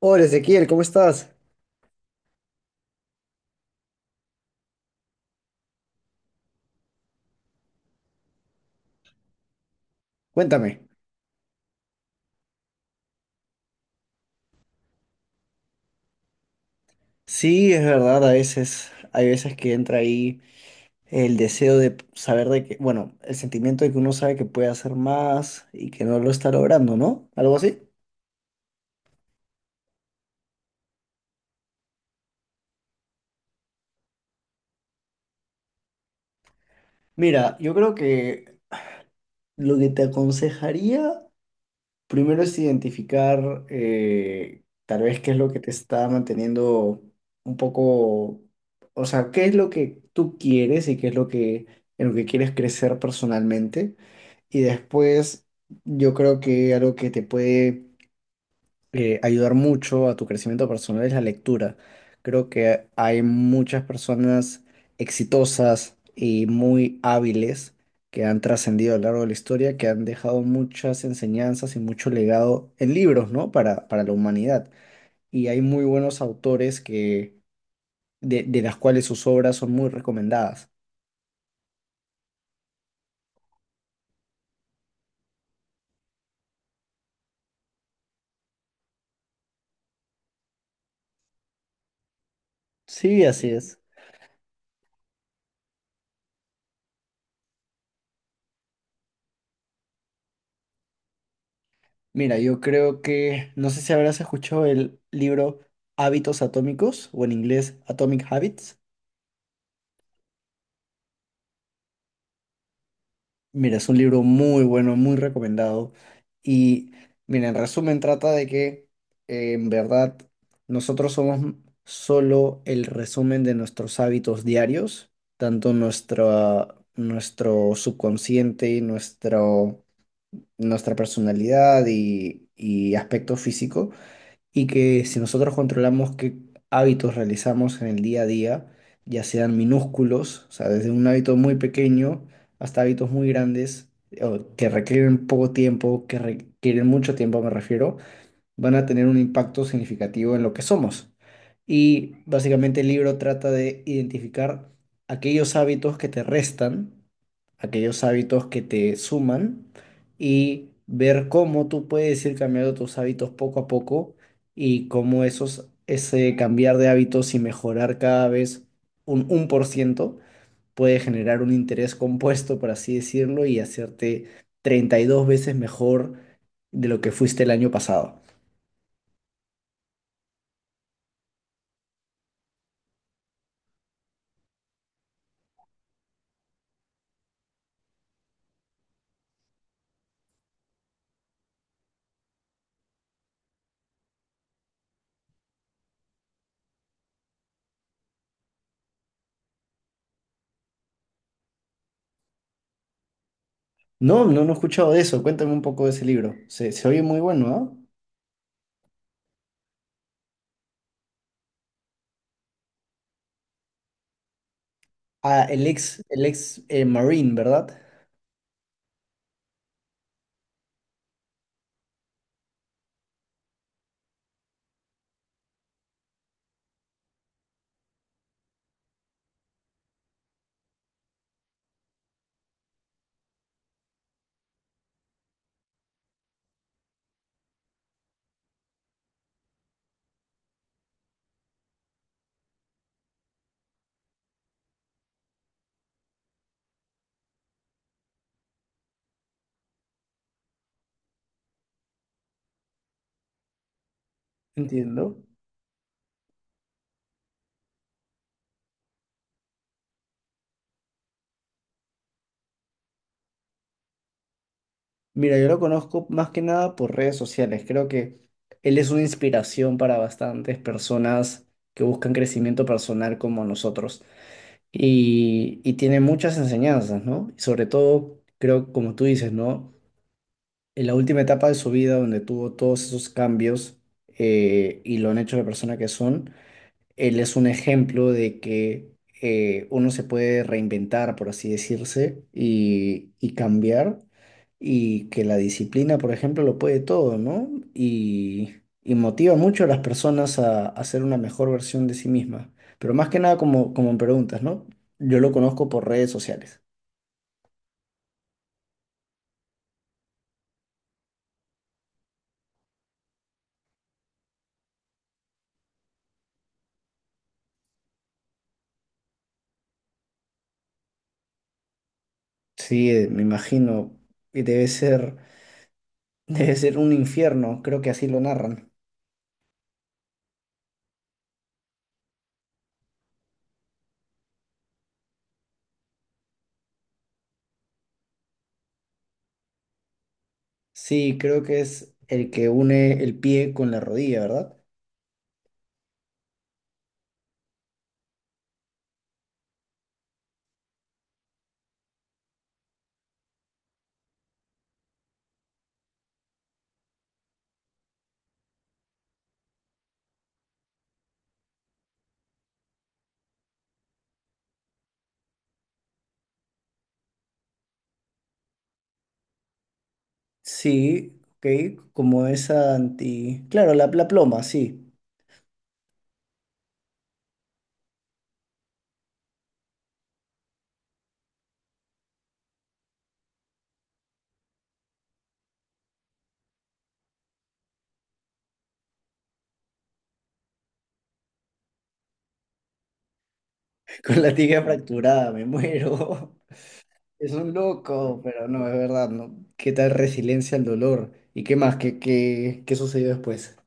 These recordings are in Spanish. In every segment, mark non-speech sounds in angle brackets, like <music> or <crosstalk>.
Hola Ezequiel, ¿cómo estás? Cuéntame. Sí, es verdad, a veces, hay veces que entra ahí el deseo de saber de que, bueno, el sentimiento de que uno sabe que puede hacer más y que no lo está logrando, ¿no? Algo así. Mira, yo creo que lo que te aconsejaría primero es identificar tal vez qué es lo que te está manteniendo un poco, o sea, qué es lo que tú quieres y qué es lo que, en lo que quieres crecer personalmente. Y después, yo creo que algo que te puede ayudar mucho a tu crecimiento personal es la lectura. Creo que hay muchas personas exitosas y muy hábiles que han trascendido a lo largo de la historia, que han dejado muchas enseñanzas y mucho legado en libros, ¿no? Para la humanidad. Y hay muy buenos autores que, de las cuales sus obras son muy recomendadas. Sí, así es. Mira, yo creo que, no sé si habrás escuchado el libro Hábitos Atómicos o en inglés Atomic Habits. Mira, es un libro muy bueno, muy recomendado. Y mira, en resumen trata de que en verdad nosotros somos solo el resumen de nuestros hábitos diarios, tanto nuestro subconsciente, nuestra personalidad y aspecto físico. Y que si nosotros controlamos qué hábitos realizamos en el día a día, ya sean minúsculos, o sea, desde un hábito muy pequeño hasta hábitos muy grandes, o que requieren poco tiempo, que requieren mucho tiempo, me refiero, van a tener un impacto significativo en lo que somos. Y básicamente el libro trata de identificar aquellos hábitos que te restan, aquellos hábitos que te suman y ver cómo tú puedes ir cambiando tus hábitos poco a poco y cómo ese cambiar de hábitos y mejorar cada vez un por ciento puede generar un interés compuesto, por así decirlo, y hacerte 32 veces mejor de lo que fuiste el año pasado. No, no, no he escuchado de eso. Cuéntame un poco de ese libro. Se oye muy bueno, ¿ah? Ah, el ex Marine, ¿verdad? Entiendo. Mira, yo lo conozco más que nada por redes sociales. Creo que él es una inspiración para bastantes personas que buscan crecimiento personal como nosotros. Y tiene muchas enseñanzas, ¿no? Y sobre todo, creo, como tú dices, ¿no? En la última etapa de su vida, donde tuvo todos esos cambios y lo han hecho la persona que son. Él es un ejemplo de que uno se puede reinventar, por así decirse, y cambiar, y que la disciplina, por ejemplo, lo puede todo, ¿no? Y, y motiva mucho a las personas a ser una mejor versión de sí mismas. Pero más que nada, como, como me preguntas, ¿no? Yo lo conozco por redes sociales. Sí, me imagino, y debe ser, <laughs> debe ser un infierno, creo que así lo narran. Sí, creo que es el que une el pie con la rodilla, ¿verdad? Sí, ok, como esa anti... Claro, la ploma, sí. <laughs> Con la tibia fracturada, me muero. <laughs> Es un loco, pero no, es verdad, ¿no? ¿Qué tal resiliencia al dolor? ¿Y qué más? ¿Qué sucedió después?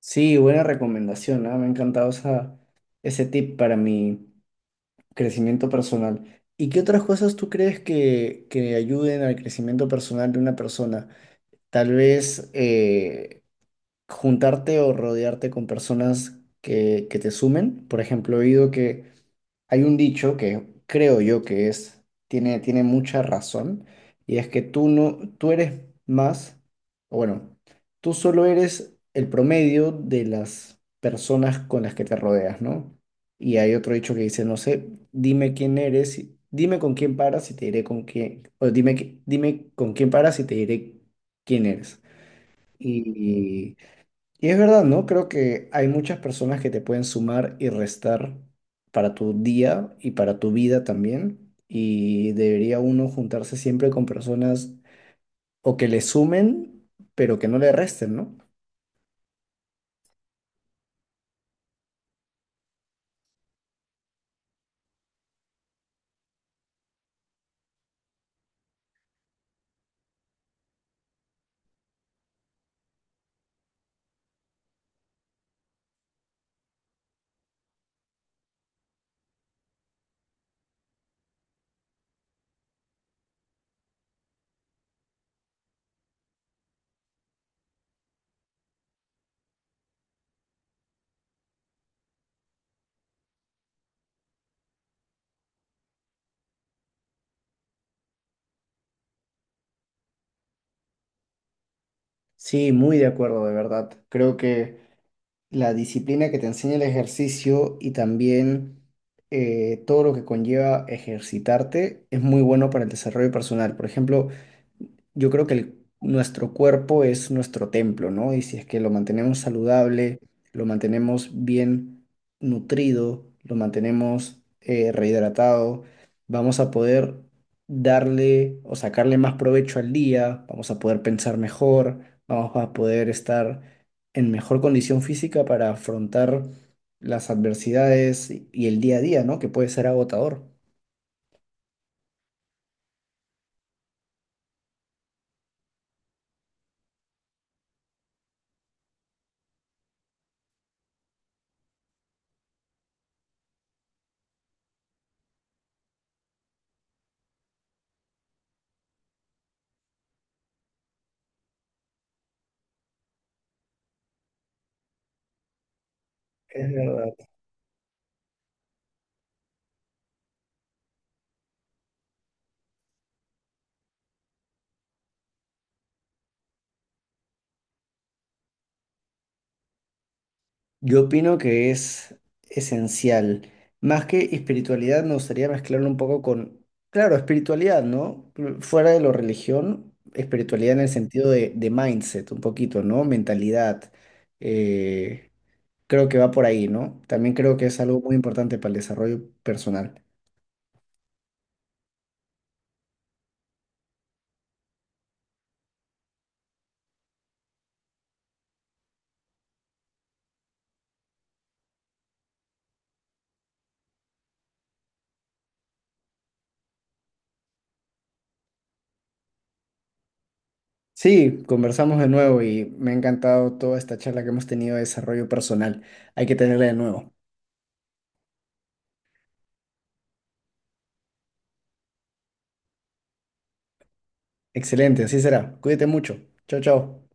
Sí, buena recomendación, ¿ah? Me ha encantado esa, ese tip para mi crecimiento personal. ¿Y qué otras cosas tú crees que ayuden al crecimiento personal de una persona? Tal vez... juntarte o rodearte con personas que te sumen. Por ejemplo, he oído que hay un dicho que creo yo que es, tiene mucha razón, y es que tú no, tú eres más, o bueno, tú solo eres el promedio de las personas con las que te rodeas, ¿no? Y hay otro dicho que dice, no sé, dime con quién paras y te diré con quién, o dime con quién paras y te diré quién eres. y y es verdad, ¿no? Creo que hay muchas personas que te pueden sumar y restar para tu día y para tu vida también. Y debería uno juntarse siempre con personas o que le sumen, pero que no le resten, ¿no? Sí, muy de acuerdo, de verdad. Creo que la disciplina que te enseña el ejercicio y también todo lo que conlleva ejercitarte es muy bueno para el desarrollo personal. Por ejemplo, yo creo que nuestro cuerpo es nuestro templo, ¿no? Y si es que lo mantenemos saludable, lo mantenemos bien nutrido, lo mantenemos rehidratado, vamos a poder darle o sacarle más provecho al día, vamos a poder pensar mejor, vamos a poder estar en mejor condición física para afrontar las adversidades y el día a día, ¿no? Que puede ser agotador. Es verdad. Yo opino que es esencial. Más que espiritualidad, me gustaría mezclarlo un poco con, claro, espiritualidad, ¿no? Fuera de lo religión, espiritualidad en el sentido de mindset, un poquito, ¿no? Mentalidad. Eh, creo que va por ahí, ¿no? También creo que es algo muy importante para el desarrollo personal. Sí, conversamos de nuevo y me ha encantado toda esta charla que hemos tenido de desarrollo personal. Hay que tenerla de nuevo. Excelente, así será. Cuídate mucho. Chao, chao.